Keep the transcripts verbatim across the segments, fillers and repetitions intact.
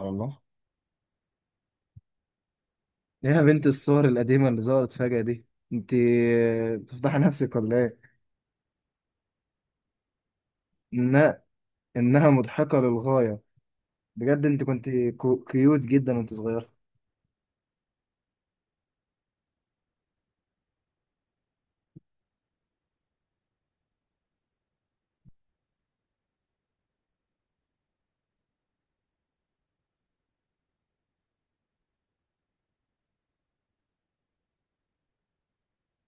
على الله. ليه يا بنت الصور القديمة اللي ظهرت فجأة دي؟ انت بتفضحي نفسك ولا ايه؟ إنها إنها مضحكة للغاية. بجد انت كنت كو- كيوت جدا وانت صغير.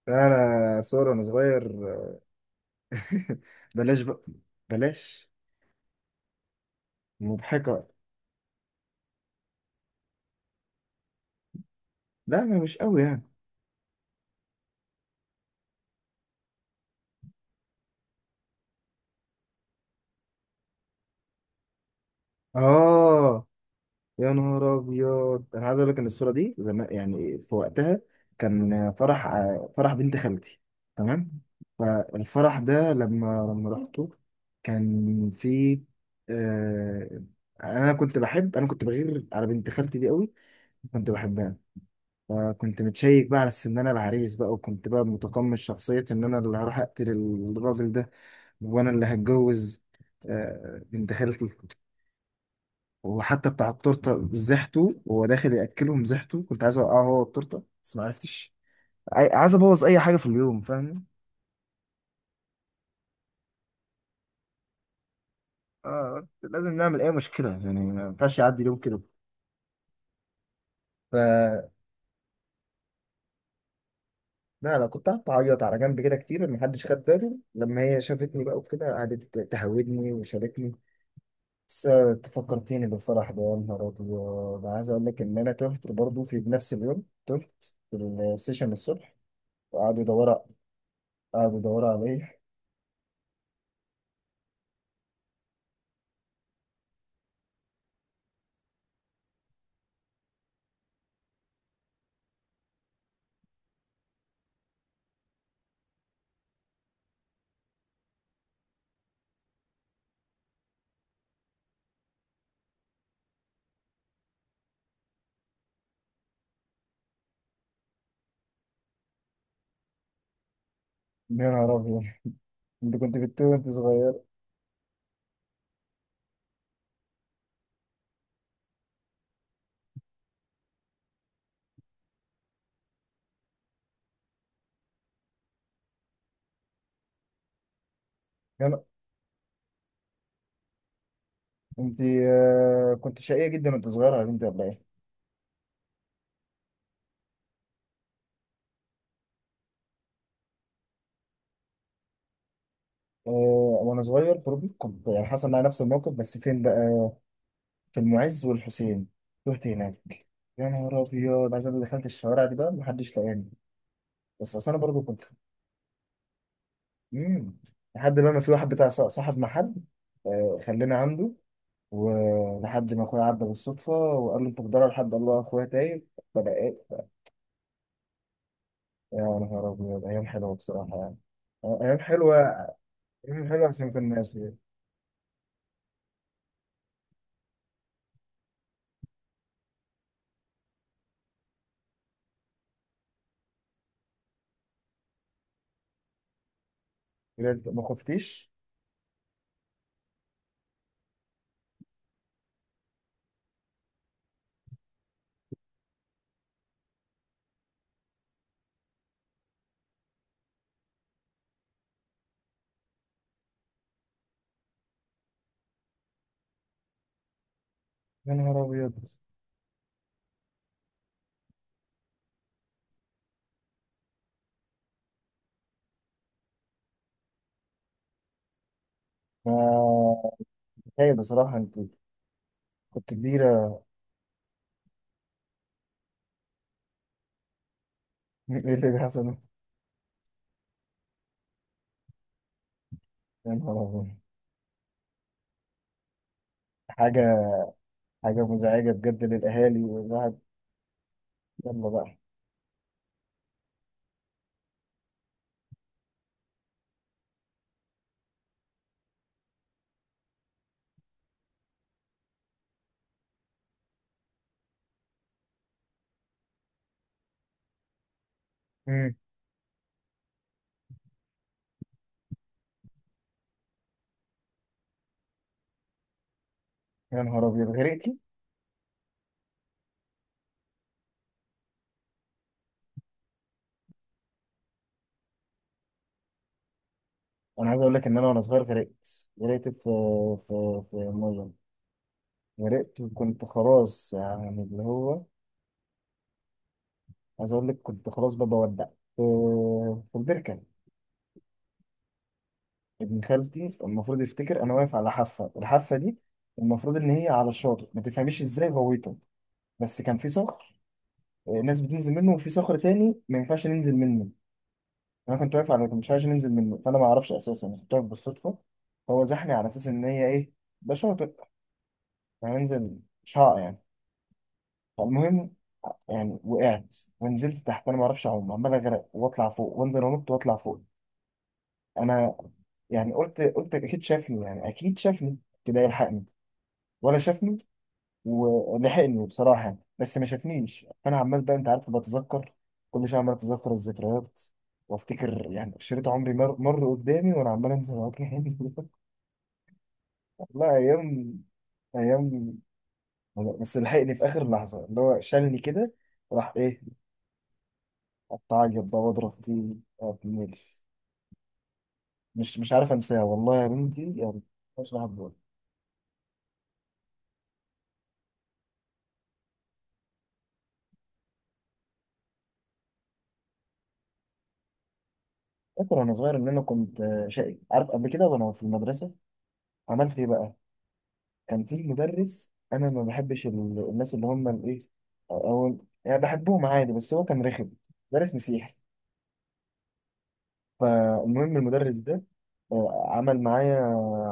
انا صور وانا صغير؟ بلاش بقى، بلاش. مضحكة. لا، ما مش قوي يعني. اه، يا نهار ابيض، انا عايز اقول لك ان الصوره دي زمان، يعني في وقتها كان فرح، فرح بنت خالتي، تمام. فالفرح ده لما لما رحته كان في آه انا كنت بحب انا كنت بغير على بنت خالتي دي قوي، كنت بحبها. فكنت متشيك بقى على اساس ان انا العريس بقى، وكنت بقى متقمص شخصيه ان انا اللي هروح اقتل الراجل ده، وانا اللي هتجوز آه بنت خالتي. وحتى بتاع التورته زحته وهو داخل ياكلهم، زحته كنت عايز اوقعه هو التورته بس ما عرفتش. عاي- عايز ابوظ اي حاجه في اليوم، فاهم؟ اه، لازم نعمل اي مشكله، يعني ما ينفعش يعدي اليوم كده. ف لا لا، كنت قعدت اعيط على جنب كده كتير ما حدش خد باله، لما هي شافتني بقى وكده قعدت تهودني وشاركني. بس انت فكرتيني بالفرح ده. يا نهار ابيض، أنا عايز اقول لك ان انا تهت برضو في نفس اليوم، تهت في السيشن الصبح وقعدوا يدوروا، قعدوا يدوروا عليا. يا نهار ابيض، انت كنت بتتوه وانت صغير؟ يعني انت آه، كنت شقية جدا وانت صغيرة يا بنتي ولا ايه؟ آه، وانا صغير برضه كنت يعني حصل معايا نفس الموقف، بس فين بقى؟ في المعز والحسين، رحت هناك. يا نهار ابيض، عايز اقول لك دخلت الشوارع دي بقى محدش لقاني. بس اصل انا برضه كنت مم. لحد بقى ما في واحد بتاع ص- صاحب محل، آه، خلاني عنده. ولحد ما اخويا عدى بالصدفة وقال له انت بتدور لحد، الله اخويا تايه. فلقيت، يا نهار ابيض، ايام حلوة بصراحة يعني، ايام حلوة. مم، حلو عشان كان ناسي. بجد ما خفتيش؟ يا نهار ابيض، ما هي بصراحه انت كنت كبيره. ايه اللي بيحصل ده؟ يا نهار ابيض. حاجه، حاجه مزعجه بجد للاهالي والواحد. يلا بقى. مم، يا نهار ابيض غرقتي؟ انا عايز اقول لك ان انا وانا صغير غرقت، غرقت في في في ميه، غرقت وكنت خلاص يعني، اللي هو عايز اقول لك كنت خلاص ببقى بودع في في البركه. ابن خالتي المفروض يفتكر انا واقف على حافه، الحافه دي المفروض ان هي على الشاطئ، ما تفهميش ازاي غويته. بس كان في صخر، آه، ناس بتنزل منه، وفي صخر تاني ما ينفعش ننزل منه. انا كنت واقف على مش عايز ننزل منه، فانا ما اعرفش اساسا أنا كنت واقف بالصدفه. هو زحني على اساس ان هي ايه، ده شاطئ، هننزل، مش هقع يعني. فالمهم، يعني وقعت ونزلت تحت، انا ما اعرفش اعوم، عمال اغرق واطلع فوق وانزل انط واطلع فوق. انا يعني قلت قلت اكيد شافني، يعني اكيد شافني كده يلحقني، ولا شافني ولحقني بصراحة؟ بس ما شافنيش. فأنا عمال بقى، أنت عارف، بتذكر كل شوية، عمال أتذكر الذكريات وأفتكر يعني شريط عمري مر, مر قدامي، وأنا عمال أنزل وأجري أنزل. والله أيام، أيام. بس لحقني في آخر لحظة اللي هو شالني كده. راح إيه، أتعيط بقى وأضرب فيه آه، بالليل. مش، مش عارف أنساها والله يا بنتي يعني، مش لحد دلوقتي. فاكر وأنا صغير إن أنا كنت آه، شقي، عارف؟ قبل كده وأنا في المدرسة عملت إيه بقى؟ كان في مدرس انا ما بحبش ال- الناس اللي هم الايه، او يعني بحبهم عادي بس هو كان رخم، مدرس مسيحي. فالمهم المدرس ده آه، عمل معايا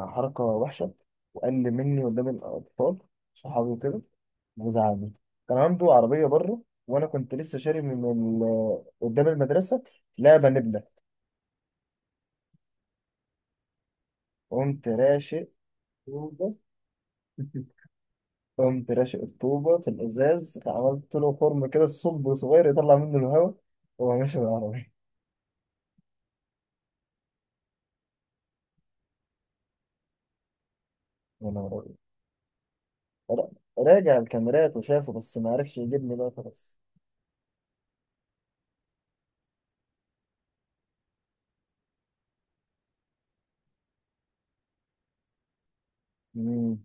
حركة وحشة وقل مني قدام الأطفال، صحابي وكده، وزعلني. كان عنده عربية بره، وأنا كنت لسه شاري من ال... قدام المدرسة لعبة نبلة. قمت راشق، وبس. قمت راشق الطوبة في الإزاز، عملت له خرم كده، الصب صغير يطلع منه الهواء وهو ماشي بالعربية. يا نهار أبيض. را- راجع الكاميرات وشافه، بس ما عرفش يجيبني بقى، خلاص. مم.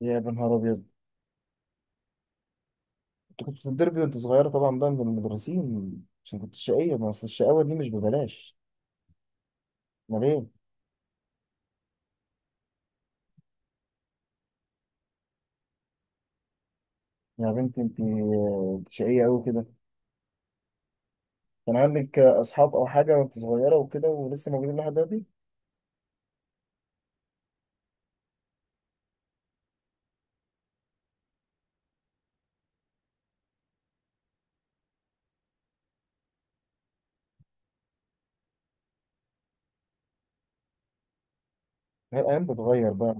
يا نهار أبيض، أنت كنت بتتضربي وأنت صغيرة طبعا بقى من المدرسين عشان كنت شقية، ما أصل الشقاوة دي مش ببلاش. أمال إيه؟ يا بنتي أنت شقية أوي كده. كان عندك أصحاب أو حاجة وأنت صغيرة وكده، ولسه موجودين لحد دلوقتي؟ لا، الأيام بتتغير بقى.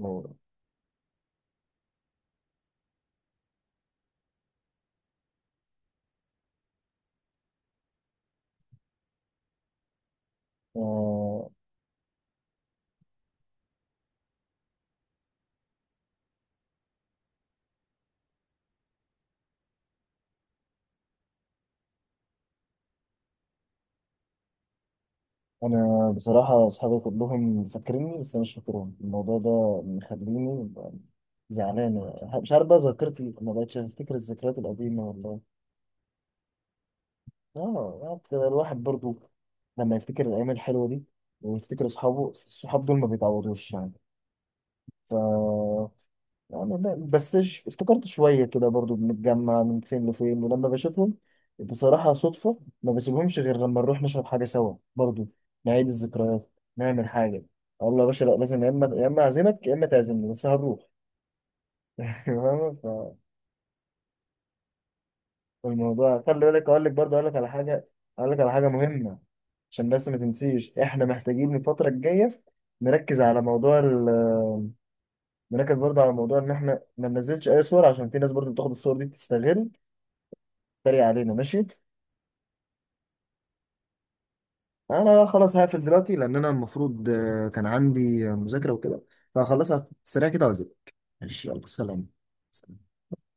آه، انا بصراحه اصحابي كلهم فاكريني بس انا مش فاكرهم، الموضوع ده مخليني زعلان. مش عارف بقى، ذاكرتي ما بقتش افتكر الذكريات القديمه والله. اه يعني كده الواحد برضو لما يفتكر الايام الحلوه دي، ويفتكر اصحابه، الصحاب دول ما بيتعوضوش يعني. يعني لا بس ش- افتكرت شوية كده، برضو بنتجمع من فين لفين، ولما بشوفهم بصراحة صدفة ما بسيبهمش غير لما نروح نشرب حاجة سوا برضو، نعيد الذكريات، نعمل حاجة. أقول له يا باشا لا لازم، يا إما، يا إما أعزمك يا إما تعزمني، بس هنروح. فاهم؟ فالموضوع، خلي بالك أقول لك برضو، أقول لك على حاجة، أقول لك على حاجة مهمة عشان بس ما تنسيش. إحنا محتاجين الفترة الجاية نركز على موضوع ال... نركز برضه على موضوع إن إحنا ما ننزلش أي صور، عشان في ناس برضو بتاخد الصور دي تستغل، تريق علينا. ماشي؟ انا خلاص هقفل دلوقتي، لان انا المفروض آه، كان عندي مذاكرة وكده، فهخلصها سريع كده واجيلك. ماشي، يلا سلام.